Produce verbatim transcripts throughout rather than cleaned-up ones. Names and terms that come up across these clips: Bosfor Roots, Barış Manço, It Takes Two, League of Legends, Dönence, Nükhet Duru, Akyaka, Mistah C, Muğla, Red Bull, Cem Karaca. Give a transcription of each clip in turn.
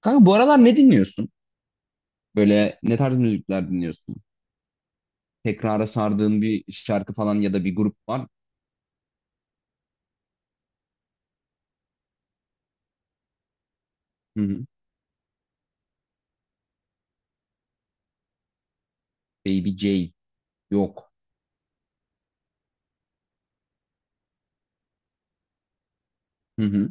Kanka bu aralar ne dinliyorsun? Böyle ne tarz müzikler dinliyorsun? Tekrara sardığın bir şarkı falan ya da bir grup var. Hı hı. Baby J yok. Hı hı.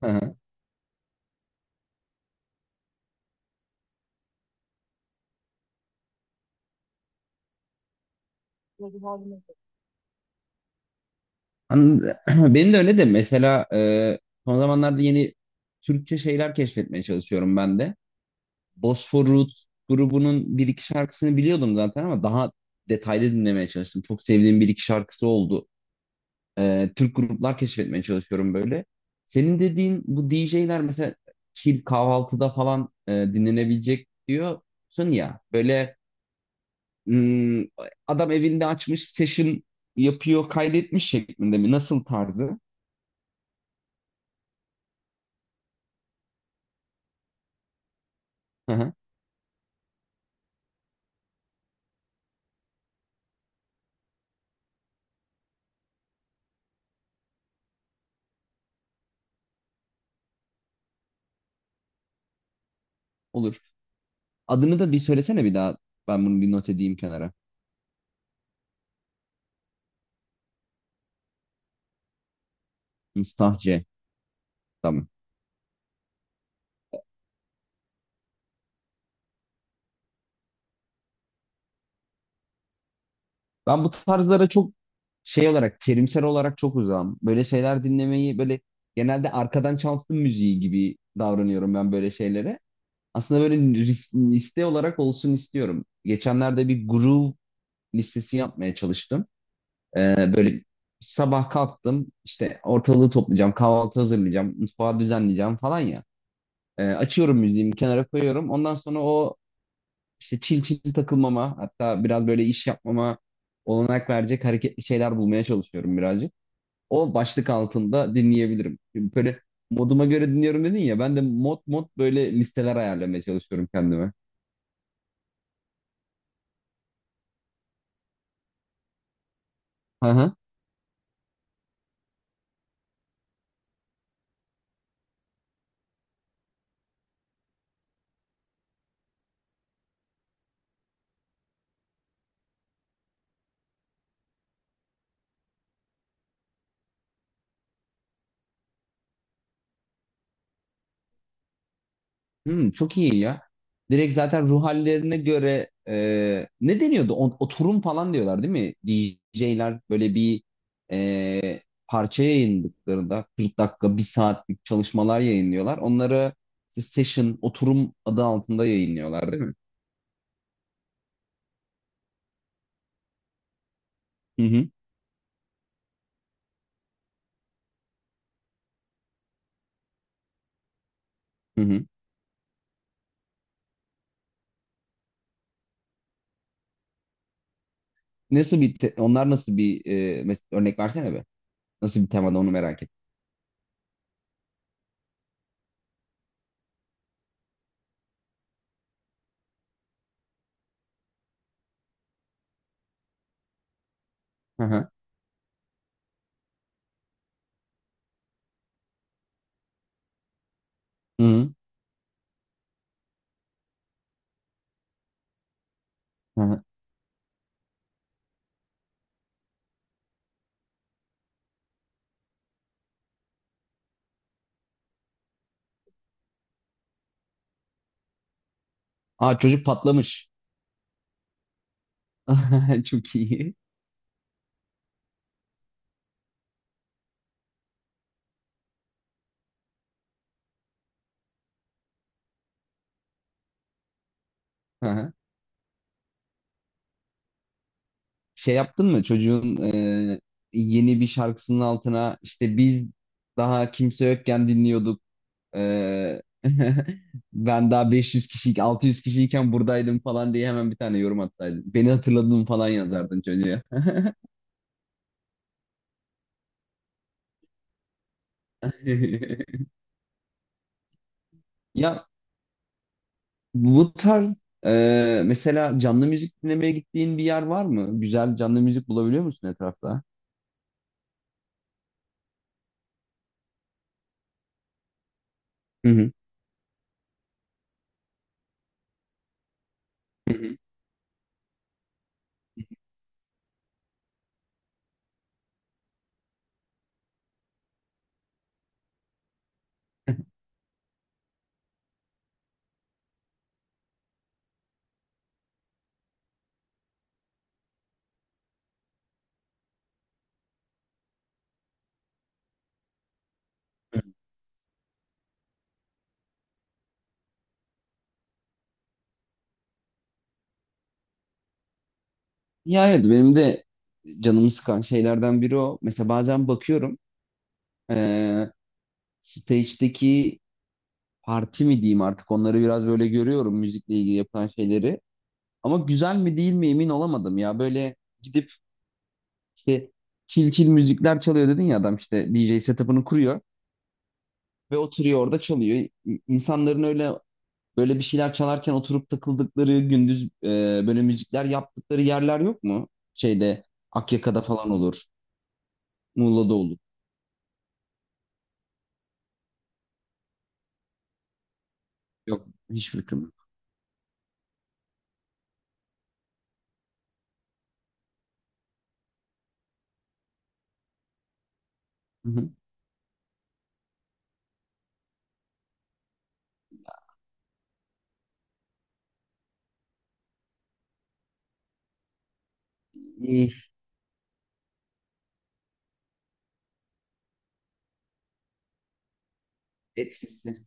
Hı hı. Anladım. Benim de öyle de mesela e, son zamanlarda yeni Türkçe şeyler keşfetmeye çalışıyorum ben de. Bosfor Roots grubunun bir iki şarkısını biliyordum zaten ama daha detaylı dinlemeye çalıştım. Çok sevdiğim bir iki şarkısı oldu. e, Türk gruplar keşfetmeye çalışıyorum böyle. Senin dediğin bu D J'ler mesela chill kahvaltıda falan e, dinlenebilecek diyorsun ya. Böyle hmm, adam evinde açmış session yapıyor kaydetmiş şeklinde mi? Nasıl tarzı? Hı hı, olur. Adını da bir söylesene bir daha. Ben bunu bir not edeyim kenara. Mistah C. Tamam. Ben bu tarzlara çok şey olarak terimsel olarak çok uzağım. Böyle şeyler dinlemeyi böyle genelde arkadan çalsın müziği gibi davranıyorum ben böyle şeylere. Aslında böyle ris- liste olarak olsun istiyorum. Geçenlerde bir groove listesi yapmaya çalıştım. Ee, böyle sabah kalktım işte ortalığı toplayacağım, kahvaltı hazırlayacağım, mutfağı düzenleyeceğim falan ya. Ee, açıyorum müziğimi kenara koyuyorum. Ondan sonra o işte çil çil takılmama hatta biraz böyle iş yapmama olanak verecek hareketli şeyler bulmaya çalışıyorum birazcık. O başlık altında dinleyebilirim. Şimdi böyle moduma göre dinliyorum dedin ya ben de mod mod böyle listeler ayarlamaya çalışıyorum kendime. Hı hı. Hmm, çok iyi ya. Direkt zaten ruh hallerine göre e, ne deniyordu? O- Oturum falan diyorlar değil mi? D J'ler böyle bir e, parça yayınladıklarında kırk dakika, bir saatlik çalışmalar yayınlıyorlar. Onları işte session, oturum adı altında yayınlıyorlar değil mi? Hı hı. Hı hı. Nasıl bir te- onlar nasıl bir e, mes- örnek versene be. Nasıl bir temada onu merak ettim. Hı hı. Hı hı. Hı hı. Aa çocuk patlamış. Çok iyi. Şey yaptın mı çocuğun e, yeni bir şarkısının altına işte biz daha kimse yokken dinliyorduk e, ben daha beş yüz kişi altı yüz kişiyken buradaydım falan diye hemen bir tane yorum attaydın beni hatırladın falan yazardın çocuğa? Ya bu tarz e, mesela canlı müzik dinlemeye gittiğin bir yer var mı, güzel canlı müzik bulabiliyor musun etrafta? Hı hı. Ya evet, benim de canımı sıkan şeylerden biri o. Mesela bazen bakıyorum e, stage'deki parti mi diyeyim artık, onları biraz böyle görüyorum müzikle ilgili yapılan şeyleri. Ama güzel mi değil mi emin olamadım ya. Böyle gidip işte çil çil müzikler çalıyor dedin ya, adam işte D J setup'ını kuruyor ve oturuyor orada çalıyor. İ- İnsanların öyle böyle bir şeyler çalarken oturup takıldıkları gündüz e, böyle müzikler yaptıkları yerler yok mu? Şeyde Akyaka'da falan olur. Muğla'da olur. Yok, hiçbir fikrim yok. Hı hı. İyi, Etkisi.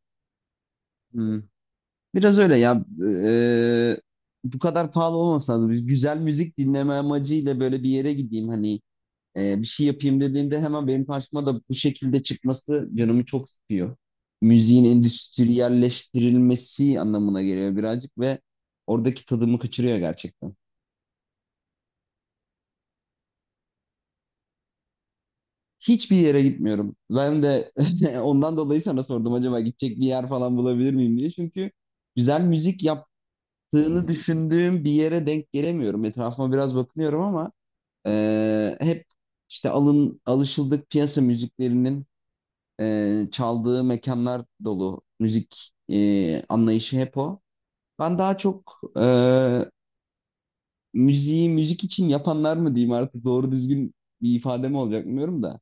Biraz öyle ya. Eee, bu kadar pahalı olması lazım. Biz güzel müzik dinleme amacıyla böyle bir yere gideyim hani eee, bir şey yapayım dediğinde hemen benim karşıma da bu şekilde çıkması canımı çok sıkıyor. Müziğin endüstriyelleştirilmesi anlamına geliyor birazcık ve oradaki tadımı kaçırıyor gerçekten. Hiçbir yere gitmiyorum. Ben de ondan dolayı sana sordum acaba gidecek bir yer falan bulabilir miyim diye. Çünkü güzel müzik yaptığını düşündüğüm bir yere denk gelemiyorum. Etrafıma biraz bakınıyorum ama Ee, hep işte alın alışıldık piyasa müziklerinin e, çaldığı mekanlar dolu, müzik e, anlayışı hep o. Ben daha çok e, müziği müzik için yapanlar mı diyeyim artık, doğru düzgün bir ifade mi olacak bilmiyorum da.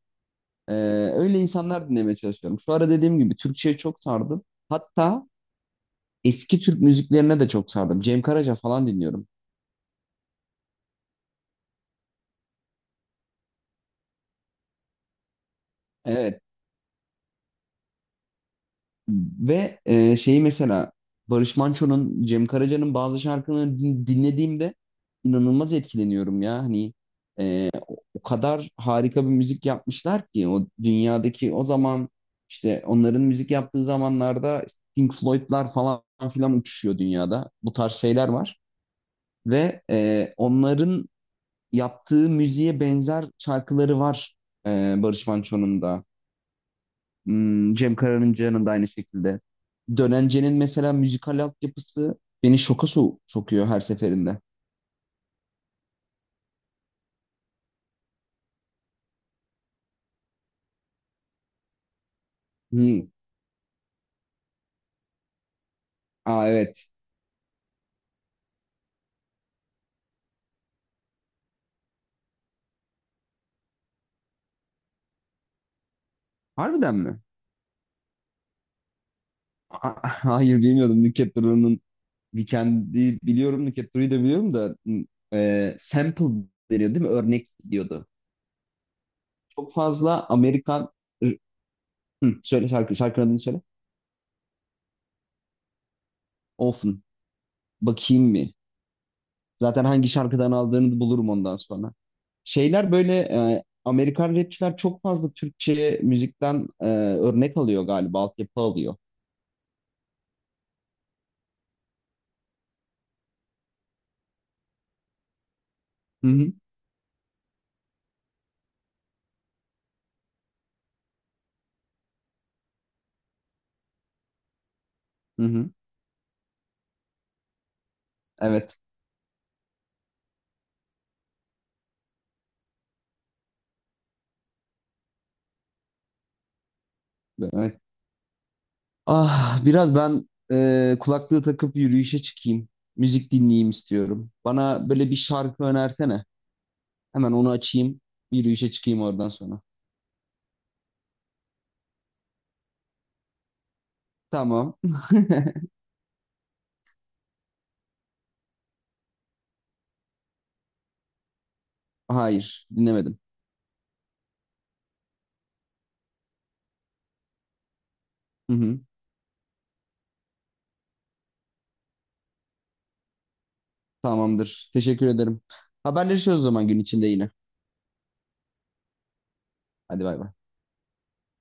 E, Öyle insanlar dinlemeye çalışıyorum. Şu ara dediğim gibi Türkçe'ye çok sardım. Hatta eski Türk müziklerine de çok sardım. Cem Karaca falan dinliyorum. Evet. Ve e, şeyi mesela Barış Manço'nun, Cem Karaca'nın bazı şarkılarını din- dinlediğimde inanılmaz etkileniyorum ya. Hani o kadar harika bir müzik yapmışlar ki o dünyadaki, o zaman işte onların müzik yaptığı zamanlarda Pink Floyd'lar falan filan uçuşuyor dünyada. Bu tarz şeyler var ve e, onların yaptığı müziğe benzer şarkıları var e, Barış Manço'nun da. Hmm, Cem Karaca'nın da aynı şekilde. Dönence'nin mesela müzikal altyapısı beni şoka so- sokuyor her seferinde. Hmm. Aa evet. Harbiden mi? Aa, hayır bilmiyordum. Nükhet Duru'nun Weekend'i biliyorum, Nükhet Duru'yu da biliyorum da hmm, e, sample deniyor değil mi? Örnek diyordu. Çok fazla Amerikan... Hı, söyle şarkı, şarkının adını söyle. Often. Bakayım mı? Zaten hangi şarkıdan aldığını bulurum ondan sonra. Şeyler böyle e, Amerikan rapçiler çok fazla Türkçe müzikten e, örnek alıyor galiba, altyapı alıyor. Hı hı, hı hı. Evet, evet. Ah, biraz ben e, kulaklığı takıp yürüyüşe çıkayım. Müzik dinleyeyim istiyorum. Bana böyle bir şarkı önersene. Hemen onu açayım, yürüyüşe çıkayım oradan sonra. Tamam. Hayır, dinlemedim. Hı hı. Tamamdır. Teşekkür ederim. Haberleşiyoruz o zaman gün içinde yine. Hadi bay bay.